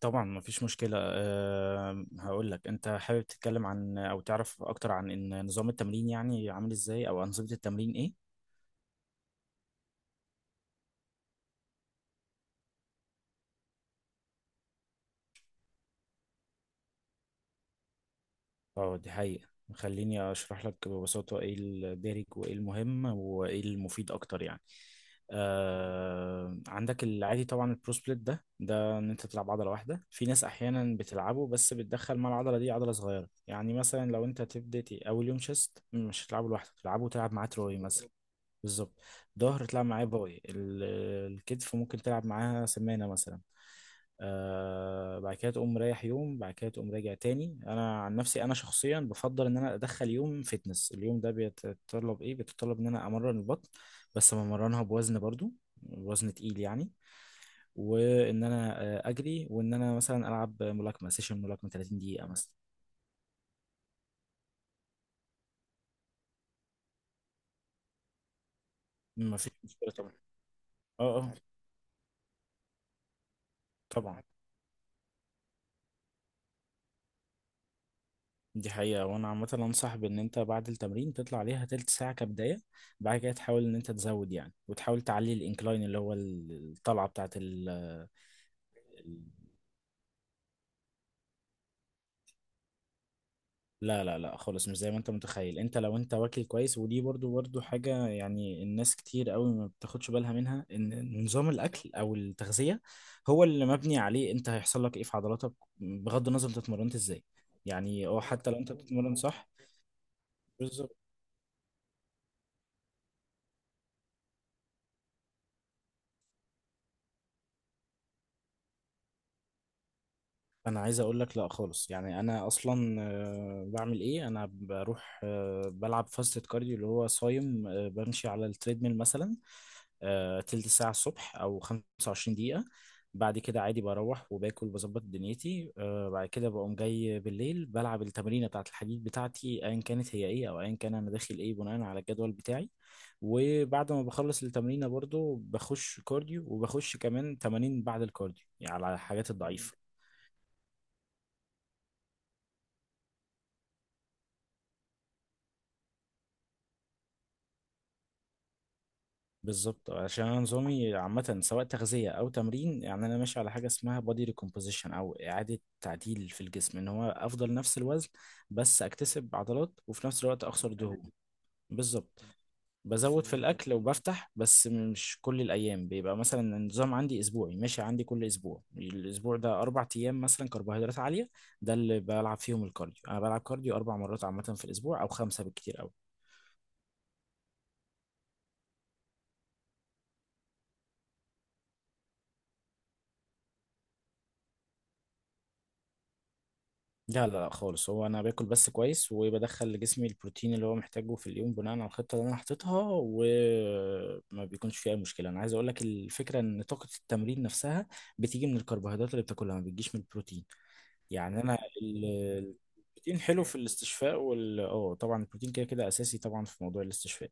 طبعا مفيش مشكلة، هقول لك. أنت حابب تتكلم عن تعرف أكتر عن إن نظام التمرين يعني عامل إزاي، أو أنظمة التمرين إيه؟ أه، دي حقيقة. خليني أشرح لك ببساطة إيه الدارج وإيه المهم وإيه المفيد أكتر يعني. أه، عندك العادي طبعا، البرو سبليت ده، إن أنت تلعب عضلة واحدة. في ناس أحيانا بتلعبه، بس بتدخل مع العضلة دي عضلة صغيرة. يعني مثلا لو أنت تبدأ أول يوم شيست، مش هتلعبه لوحدك تلعب معاه تروي مثلا. بالظبط. ظهر تلعب معاه باي، الكتف ممكن تلعب معاها سمانة مثلا. آه بعد كده تقوم رايح، يوم بعد كده تقوم راجع تاني. انا عن نفسي، انا شخصيا بفضل ان انا ادخل يوم فتنس. اليوم ده بيتطلب ايه؟ بيتطلب ان انا امرن البطن، بس بمرنها بوزن برضو، وزن تقيل يعني، وان انا اجري، وان انا مثلا العب ملاكمة، سيشن ملاكمة 30 دقيقة مثلا. ما فيش مشكلة طبعا. اه اه. طبعا دي حقيقة، وأنا عامة أنصح بإن أنت بعد التمرين تطلع عليها تلت ساعة كبداية. بعد كده تحاول إن أنت تزود يعني، وتحاول تعلي الإنكلاين اللي هو الطلعة بتاعت ال- لا لا لا خالص، مش زي ما أنت متخيل. أنت لو أنت واكل كويس، ودي برضو حاجة، يعني الناس كتير قوي ما بتاخدش بالها منها، إن نظام الأكل أو التغذية هو اللي مبني عليه أنت هيحصل لك إيه في عضلاتك، بغض النظر أنت اتمرنت إزاي يعني. أو حتى لو أنت بتتمرن صح. بالظبط. انا عايز اقول لك، لا خالص. يعني انا اصلا بعمل ايه؟ انا بروح بلعب فاست كارديو، اللي هو صايم، بمشي على التريدميل مثلا تلت ساعة الصبح، او 25 دقيقة. بعد كده عادي بروح وباكل بظبط دنيتي. بعد كده بقوم جاي بالليل بلعب التمرينة بتاعة الحديد بتاعتي، ايا كانت هي ايه، او ايا كان انا داخل ايه، بناء على الجدول بتاعي. وبعد ما بخلص التمرينة برضو بخش كارديو، وبخش كمان تمارين بعد الكارديو يعني على الحاجات الضعيفة. بالظبط، عشان انا نظامي عامة سواء تغذية او تمرين، يعني انا ماشي على حاجة اسمها body recomposition، او اعادة تعديل في الجسم، ان هو افضل نفس الوزن، بس اكتسب عضلات، وفي نفس الوقت اخسر دهون. بالظبط. بزود في الاكل وبفتح، بس مش كل الايام. بيبقى مثلا النظام عندي اسبوعي، ماشي عندي كل اسبوع، الاسبوع ده اربع ايام مثلا كربوهيدرات عالية، ده اللي بلعب فيهم الكارديو. انا بلعب كارديو اربع مرات عامة في الاسبوع، او خمسة بالكتير أوي. لا لا لا خالص، هو انا باكل بس كويس، وبدخل لجسمي البروتين اللي هو محتاجه في اليوم بناء على الخطه اللي انا حاططها، وما بيكونش فيه اي مشكله. انا عايز اقول لك، الفكره ان طاقه التمرين نفسها بتيجي من الكربوهيدرات اللي بتاكلها، ما بتجيش من البروتين. يعني انا البروتين حلو في الاستشفاء، وال اه طبعا البروتين كده كده اساسي طبعا في موضوع الاستشفاء.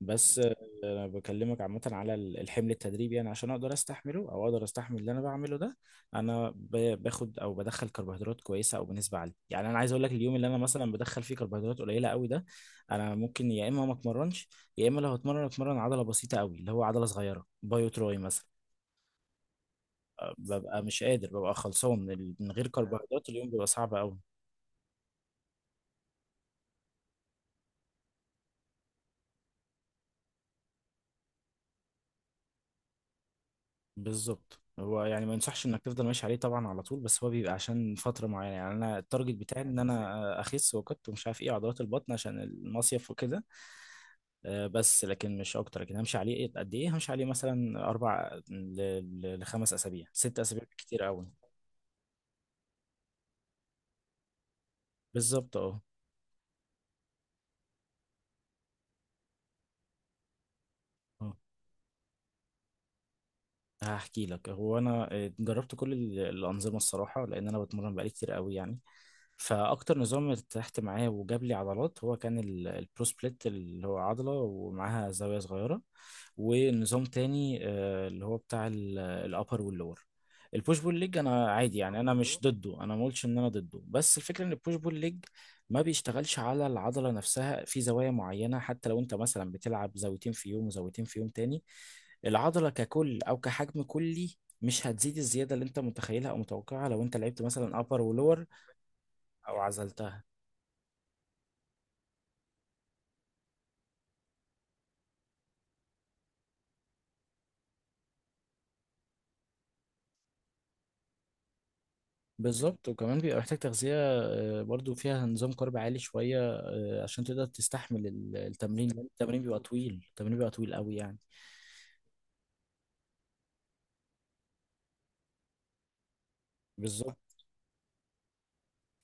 بس آه، انا بكلمك عامه على الحمل التدريبي، يعني عشان اقدر استحمله، او اقدر استحمل اللي انا بعمله ده. انا باخد او بدخل كربوهيدرات كويسه او بنسبه عاليه. يعني انا عايز اقول لك، اليوم اللي انا مثلا بدخل فيه كربوهيدرات قليله قوي ده، انا ممكن يا اما ما اتمرنش، يا اما لو هتمرن، اتمرن عضله بسيطه قوي، اللي هو عضله صغيره، بايو تراي مثلا. أه، ببقى مش قادر، ببقى خلصان من من غير كربوهيدرات اليوم بيبقى صعب قوي. بالظبط. هو يعني ما ينصحش انك تفضل ماشي عليه طبعا على طول، بس هو بيبقى عشان فتره معينه، يعني انا التارجت بتاعي ان انا اخس، وكت ومش عارف ايه، عضلات البطن عشان المصيف وكده. بس لكن مش اكتر. لكن همشي عليه إيه؟ قد ايه همشي عليه؟ مثلا اربع لخمس اسابيع، ست اسابيع كتير قوي. بالظبط. اه. آه. هحكي لك. هو انا جربت كل الانظمه الصراحه، لان انا بتمرن بقالي كتير قوي يعني. فاكتر نظام ارتحت معاه وجاب لي عضلات هو كان البرو سبليت، اللي هو عضله ومعاها زاويه صغيره. ونظام تاني اللي هو بتاع الابر واللور. البوش بول ليج انا عادي، يعني انا مش ضده، انا ما قلتش ان انا ضده، بس الفكره ان البوش بول ليج ما بيشتغلش على العضله نفسها في زوايا معينه، حتى لو انت مثلا بتلعب زاويتين في يوم وزاويتين في يوم تاني، العضلة ككل أو كحجم كلي مش هتزيد الزيادة اللي أنت متخيلها أو متوقعها، لو أنت لعبت مثلا أبر ولور. أو عزلتها. بالظبط، وكمان بيبقى محتاج تغذية برضو فيها نظام كارب عالي شوية، عشان تقدر تستحمل التمرين، لأن التمرين بيبقى طويل، التمرين بيبقى طويل قوي يعني. بالظبط.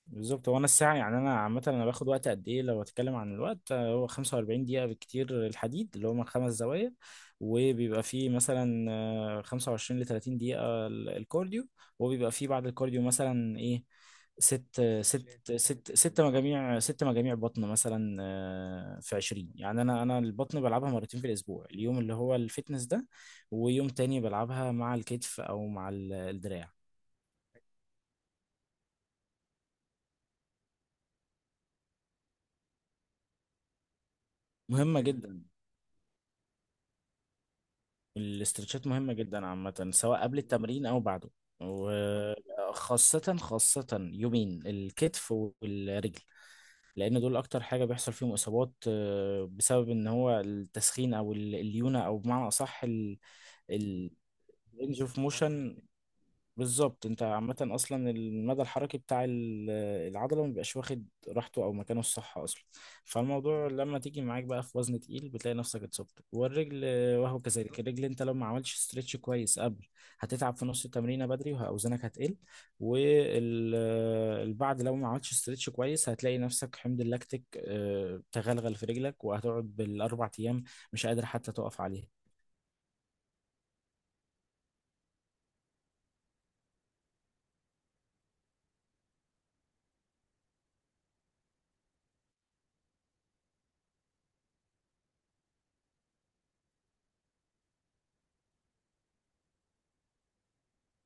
بالظبط. هو انا الساعه، يعني انا عامه انا باخد وقت قد ايه؟ لو اتكلم عن الوقت، هو 45 دقيقه بالكتير الحديد، اللي هو من خمس زوايا. وبيبقى فيه مثلا 25 ل 30 دقيقه الكارديو. وبيبقى فيه بعد الكارديو مثلا ايه؟ ست مجاميع، ست مجاميع بطن مثلا. في 20، يعني انا البطن بلعبها مرتين في الاسبوع، اليوم اللي هو الفتنس ده، ويوم تاني بلعبها مع الكتف او مع الدراع. مهمة جدا. الاسترتشات مهمة جدا عامة، سواء قبل التمرين أو بعده. وخاصة يومين الكتف والرجل، لأن دول أكتر حاجة بيحصل فيهم إصابات، بسبب إن هو التسخين أو الليونة، أو بمعنى أصح الرينج اوف موشن. بالظبط. انت عامة اصلا المدى الحركي بتاع العضلة ما بيبقاش واخد راحته او مكانه الصح اصلا. فالموضوع لما تيجي معاك بقى في وزن تقيل، بتلاقي نفسك اتصبت. والرجل، وهو كذلك الرجل، انت لو ما عملتش استرتش كويس قبل، هتتعب في نص التمرينة بدري، واوزانك هتقل. والبعد لو ما عملتش استرتش كويس، هتلاقي نفسك حمض اللاكتيك تغلغل في رجلك، وهتقعد بالاربع ايام مش قادر حتى تقف عليها.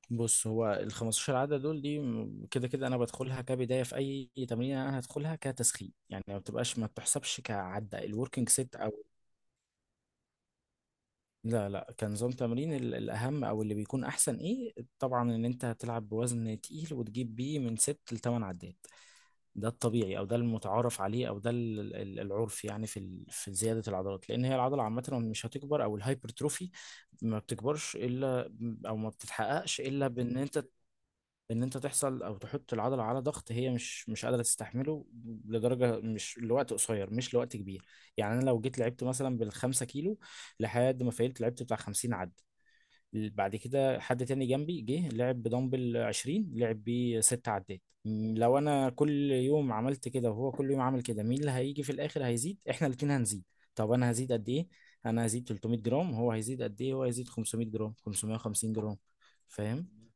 بص، هو ال 15 عدة دول دي كده كده انا بدخلها كبداية في اي تمرين، انا هدخلها كتسخين، يعني ما بتبقاش، ما بتحسبش كعدة الوركينج سيت او. لا لا، كنظام تمرين الاهم، او اللي بيكون احسن ايه طبعا، ان انت هتلعب بوزن تقيل وتجيب بيه من ست لتمن عدات. ده الطبيعي، او ده المتعارف عليه، او ده العرف يعني في في زيادة العضلات، لان هي العضلة عامة مش هتكبر، او الهايبرتروفي ما بتكبرش الا، او ما بتتحققش الا بان انت، ان انت تحصل او تحط العضله على ضغط هي مش قادره تستحمله، لدرجه، مش لوقت قصير، مش لوقت كبير. يعني انا لو جيت لعبت مثلا بالخمسة كيلو لحد ما فايلت، لعبت بتاع 50 عد، بعد كده حد تاني جنبي جه لعب بدمبل 20، لعب بيه ست عدات. م، لو انا كل يوم عملت كده، وهو كل يوم عمل كده، مين اللي هيجي في الاخر هيزيد؟ احنا الاتنين هنزيد، طب انا هزيد قد ايه؟ انا هزيد 300 جرام، هو هيزيد قد ايه؟ هو هيزيد 500 جرام، 550 جرام. فاهم.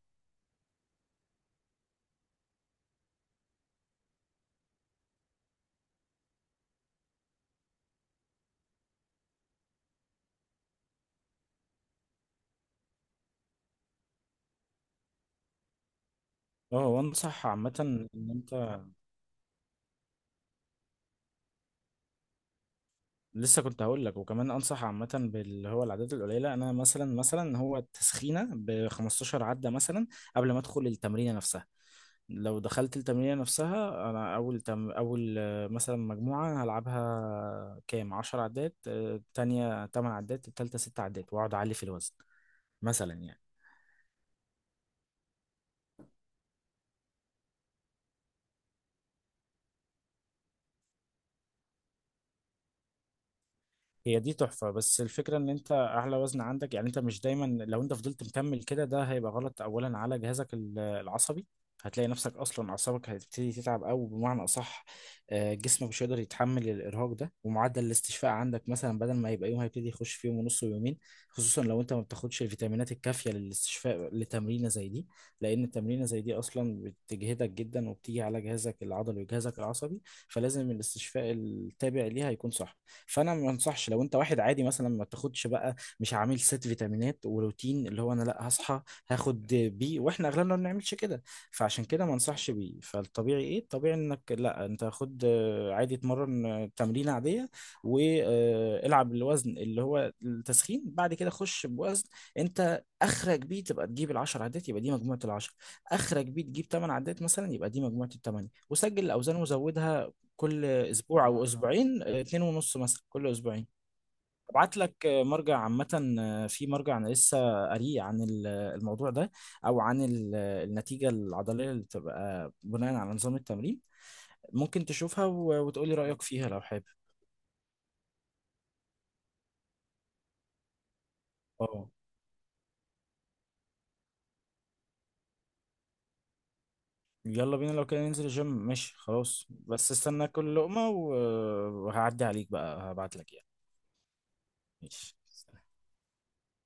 اه. وانصح عامة ان انت، لسه كنت هقول لك، وكمان انصح عامة باللي هو العدات القليلة. انا مثلا هو التسخينة ب 15 عدة مثلا، قبل ما ادخل التمرينة نفسها. لو دخلت التمرينة نفسها، أنا أول تم أول آه، مثلا مجموعة هلعبها كام؟ عشر عدات، التانية تمن عدات، التالتة ست عدات، وأقعد أعلي في الوزن مثلا يعني. هي دي تحفة. بس الفكرة ان انت اعلى وزن عندك، يعني انت مش دايما لو انت فضلت مكمل كده، ده هيبقى غلط اولا على جهازك العصبي. هتلاقي نفسك اصلا اعصابك هتبتدي تتعب، او بمعنى اصح جسمك مش هيقدر يتحمل الارهاق ده، ومعدل الاستشفاء عندك مثلا بدل ما يبقى يوم، هيبتدي يخش في يوم ونص ويومين، خصوصا لو انت ما بتاخدش الفيتامينات الكافية للاستشفاء لتمرينة زي دي، لان التمرينة زي دي اصلا بتجهدك جدا، وبتيجي على جهازك العضلي وجهازك العصبي، فلازم الاستشفاء التابع ليها يكون صح. فانا ما انصحش. لو انت واحد عادي مثلا، ما تاخدش بقى، مش عامل ست فيتامينات وروتين اللي هو انا لا، هصحى هاخد بي، واحنا اغلبنا ما بنعملش كده، فعشان كده ما انصحش بيه. فالطبيعي ايه؟ الطبيعي انك لا، انت خد عادي، اتمرن تمرينه عاديه، والعب الوزن اللي هو التسخين. بعد كده خش بوزن انت اخرج بيه، تبقى تجيب العشر عدات، يبقى دي مجموعه العشر. اخرج بيه تجيب تمن عدات مثلا، يبقى دي مجموعه التمانية، وسجل الاوزان وزودها كل اسبوع او اسبوعين، اتنين ونص مثلا، كل اسبوعين. ابعت لك مرجع عامة، في مرجع انا لسه قاريه عن الموضوع ده، او عن النتيجة العضلية اللي بتبقى بناء على نظام التمرين، ممكن تشوفها وتقول لي رأيك فيها لو حابب. اه. يلا بينا لو كده، ننزل الجيم، ماشي خلاص، بس استنى كل لقمة وهعدي عليك بقى، هبعت لك يعني. ماشي.